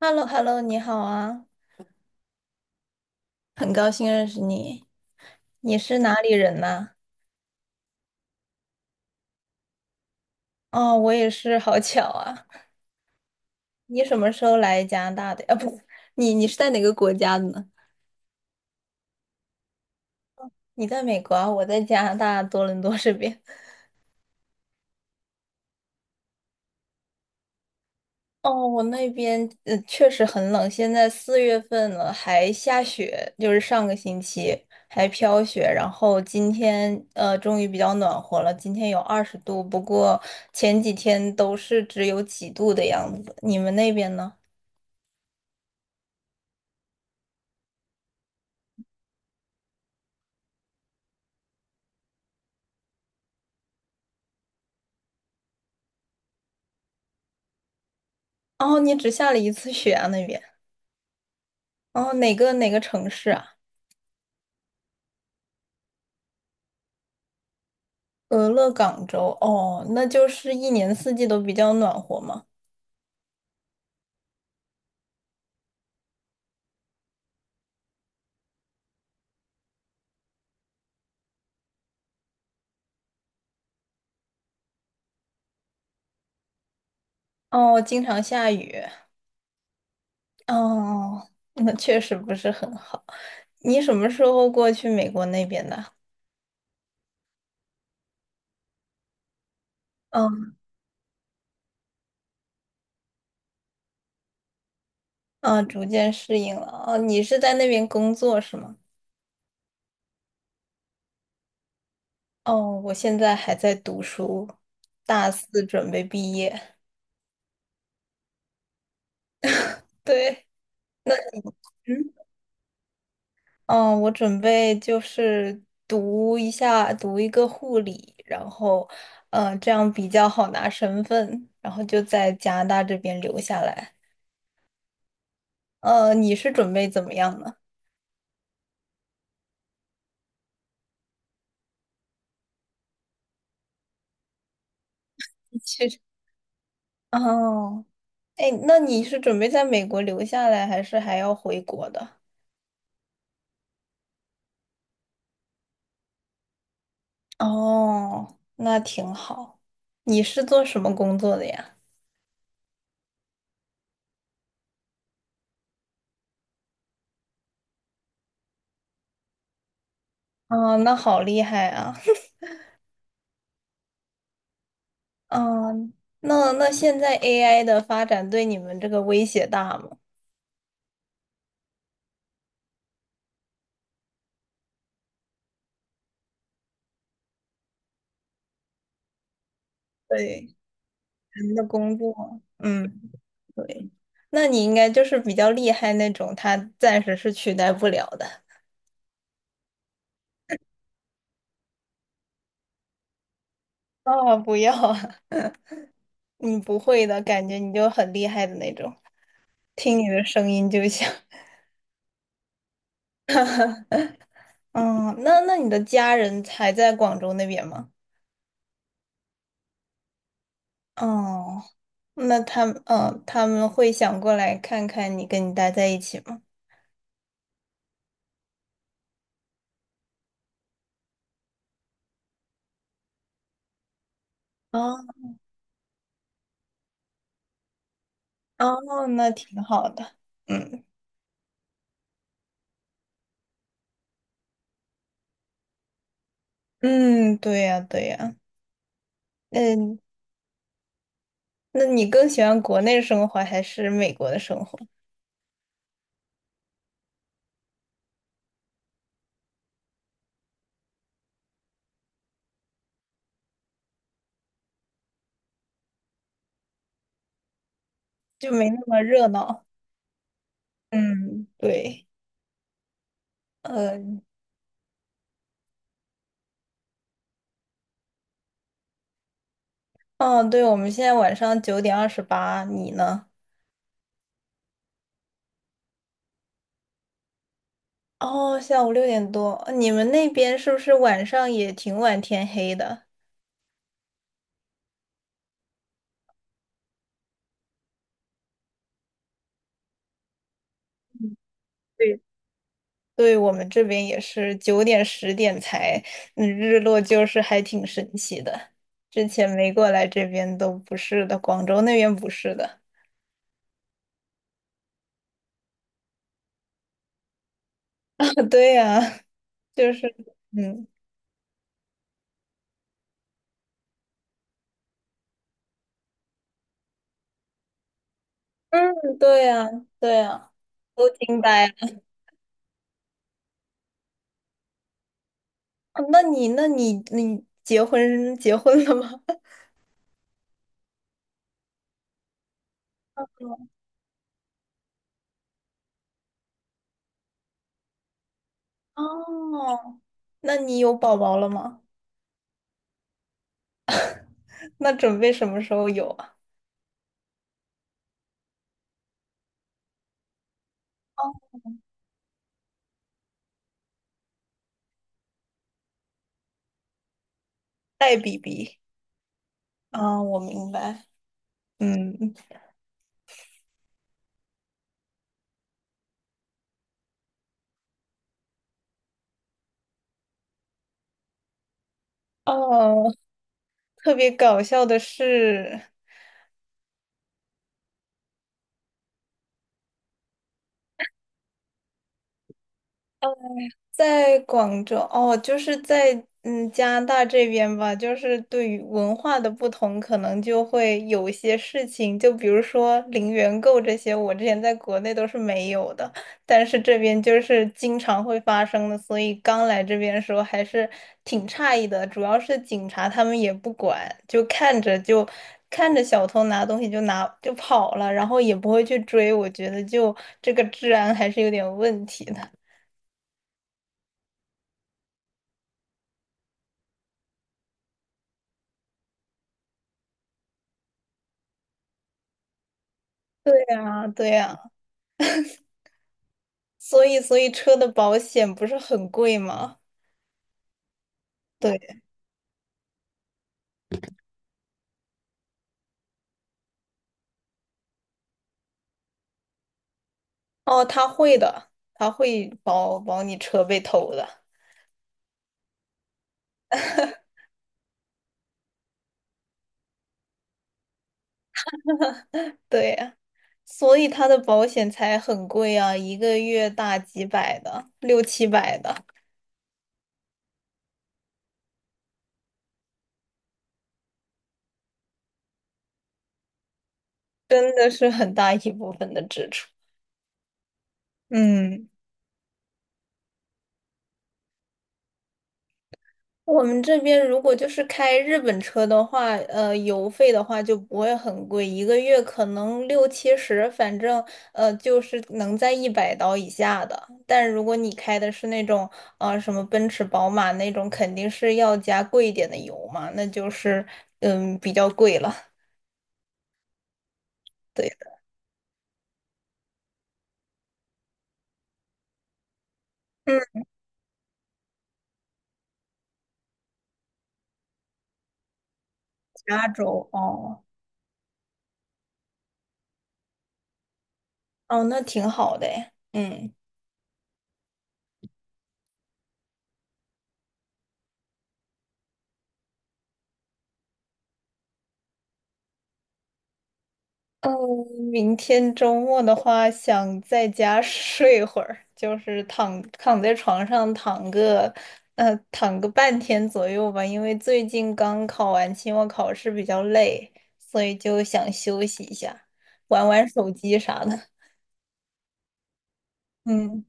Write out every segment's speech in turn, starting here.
h e l l o Hello 你好啊，很高兴认识你。你是哪里人呐？哦，我也是，好巧啊。你什么时候来加拿大的？啊，不。你是在哪个国家的呢？你在美国啊，我在加拿大多伦多这边。哦，我那边确实很冷，现在4月份了，还下雪，就是上个星期还飘雪，然后今天终于比较暖和了，今天有20度，不过前几天都是只有几度的样子。你们那边呢？哦，你只下了一次雪啊那边。哦，哪个城市啊？俄勒冈州。哦，那就是一年四季都比较暖和嘛。哦，经常下雨。哦，那确实不是很好。你什么时候过去美国那边的？嗯。啊，逐渐适应了。哦，你是在那边工作是吗？哦，我现在还在读书，大四准备毕业。对。那。嗯。嗯，我准备就是读一下，读一个护理，然后，嗯，这样比较好拿身份，然后就在加拿大这边留下来。你是准备怎么样呢？其去。哦。哎，那你是准备在美国留下来，还是还要回国的？哦，那挺好。你是做什么工作的呀？哦，那好厉害啊！嗯，那现在 AI 的发展对你们这个威胁大吗？对。人的工作，嗯，对，那你应该就是比较厉害那种，他暂时是取代不了的。啊，不要啊，你不会的感觉，你就很厉害的那种，听你的声音就像。嗯，那你的家人还在广州那边吗？哦，那他们，嗯，他们会想过来看看你，跟你待在一起吗？哦。哦，那挺好的。嗯。嗯，对呀对呀，嗯，那你更喜欢国内生活还是美国的生活？就没那么热闹。嗯，对。嗯。哦，对，我们现在晚上9:28，你呢？哦，下午六点多，你们那边是不是晚上也挺晚天黑的？嗯，对。对，我们这边也是九点十点才，嗯，日落就是还挺神奇的。之前没过来这边都不是的，广州那边不是的。对呀，就是，嗯。嗯，对呀，对呀，都惊呆了。那你，那你，你结婚了吗？哦，那你有宝宝了吗？那准备什么时候有啊？哦，带 BB。 啊，我明白。嗯。哦，特别搞笑的是。在广州哦，就是在加拿大这边吧，就是对于文化的不同，可能就会有一些事情，就比如说零元购这些，我之前在国内都是没有的，但是这边就是经常会发生的，所以刚来这边的时候还是挺诧异的，主要是警察他们也不管，就看着小偷拿东西就拿就跑了，然后也不会去追，我觉得就这个治安还是有点问题的。对呀，对呀。所以车的保险不是很贵吗？对。哦，他会的，他会保你车被偷的。对呀，所以他的保险才很贵啊，一个月大几百的，六七百的，真的是很大一部分的支出。嗯。我们这边如果就是开日本车的话，油费的话就不会很贵，一个月可能六七十，反正就是能在100刀以下的。但如果你开的是那种什么奔驰、宝马那种，肯定是要加贵一点的油嘛，那就是比较贵了。对的。嗯，加州哦。哦，那挺好的诶，嗯。嗯，明天周末的话，想在家睡会儿，就是躺躺在床上躺个，躺个半天左右吧。因为最近刚考完期末考试，比较累，所以就想休息一下，玩玩手机啥的。嗯，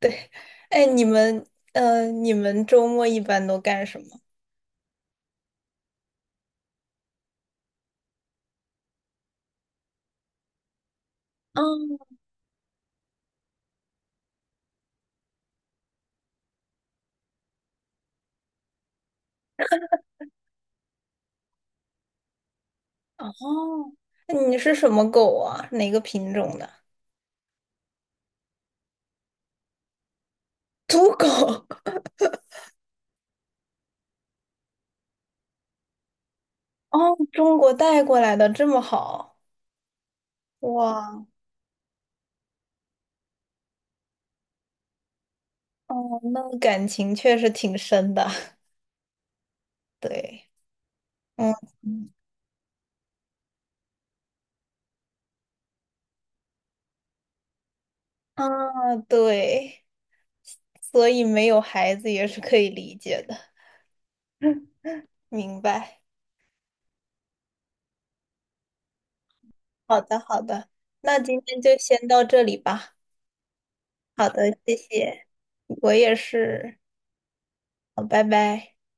对。哎，你们，你们周末一般都干什么？嗯。哦，那你是什么狗啊？哪个品种的？土狗。哦，中国带过来的这么好，哇。哦，那感情确实挺深的，对。嗯。嗯啊，对，所以没有孩子也是可以理解的，明白。好的，好的，那今天就先到这里吧。好的，谢谢，我也是，好，拜拜。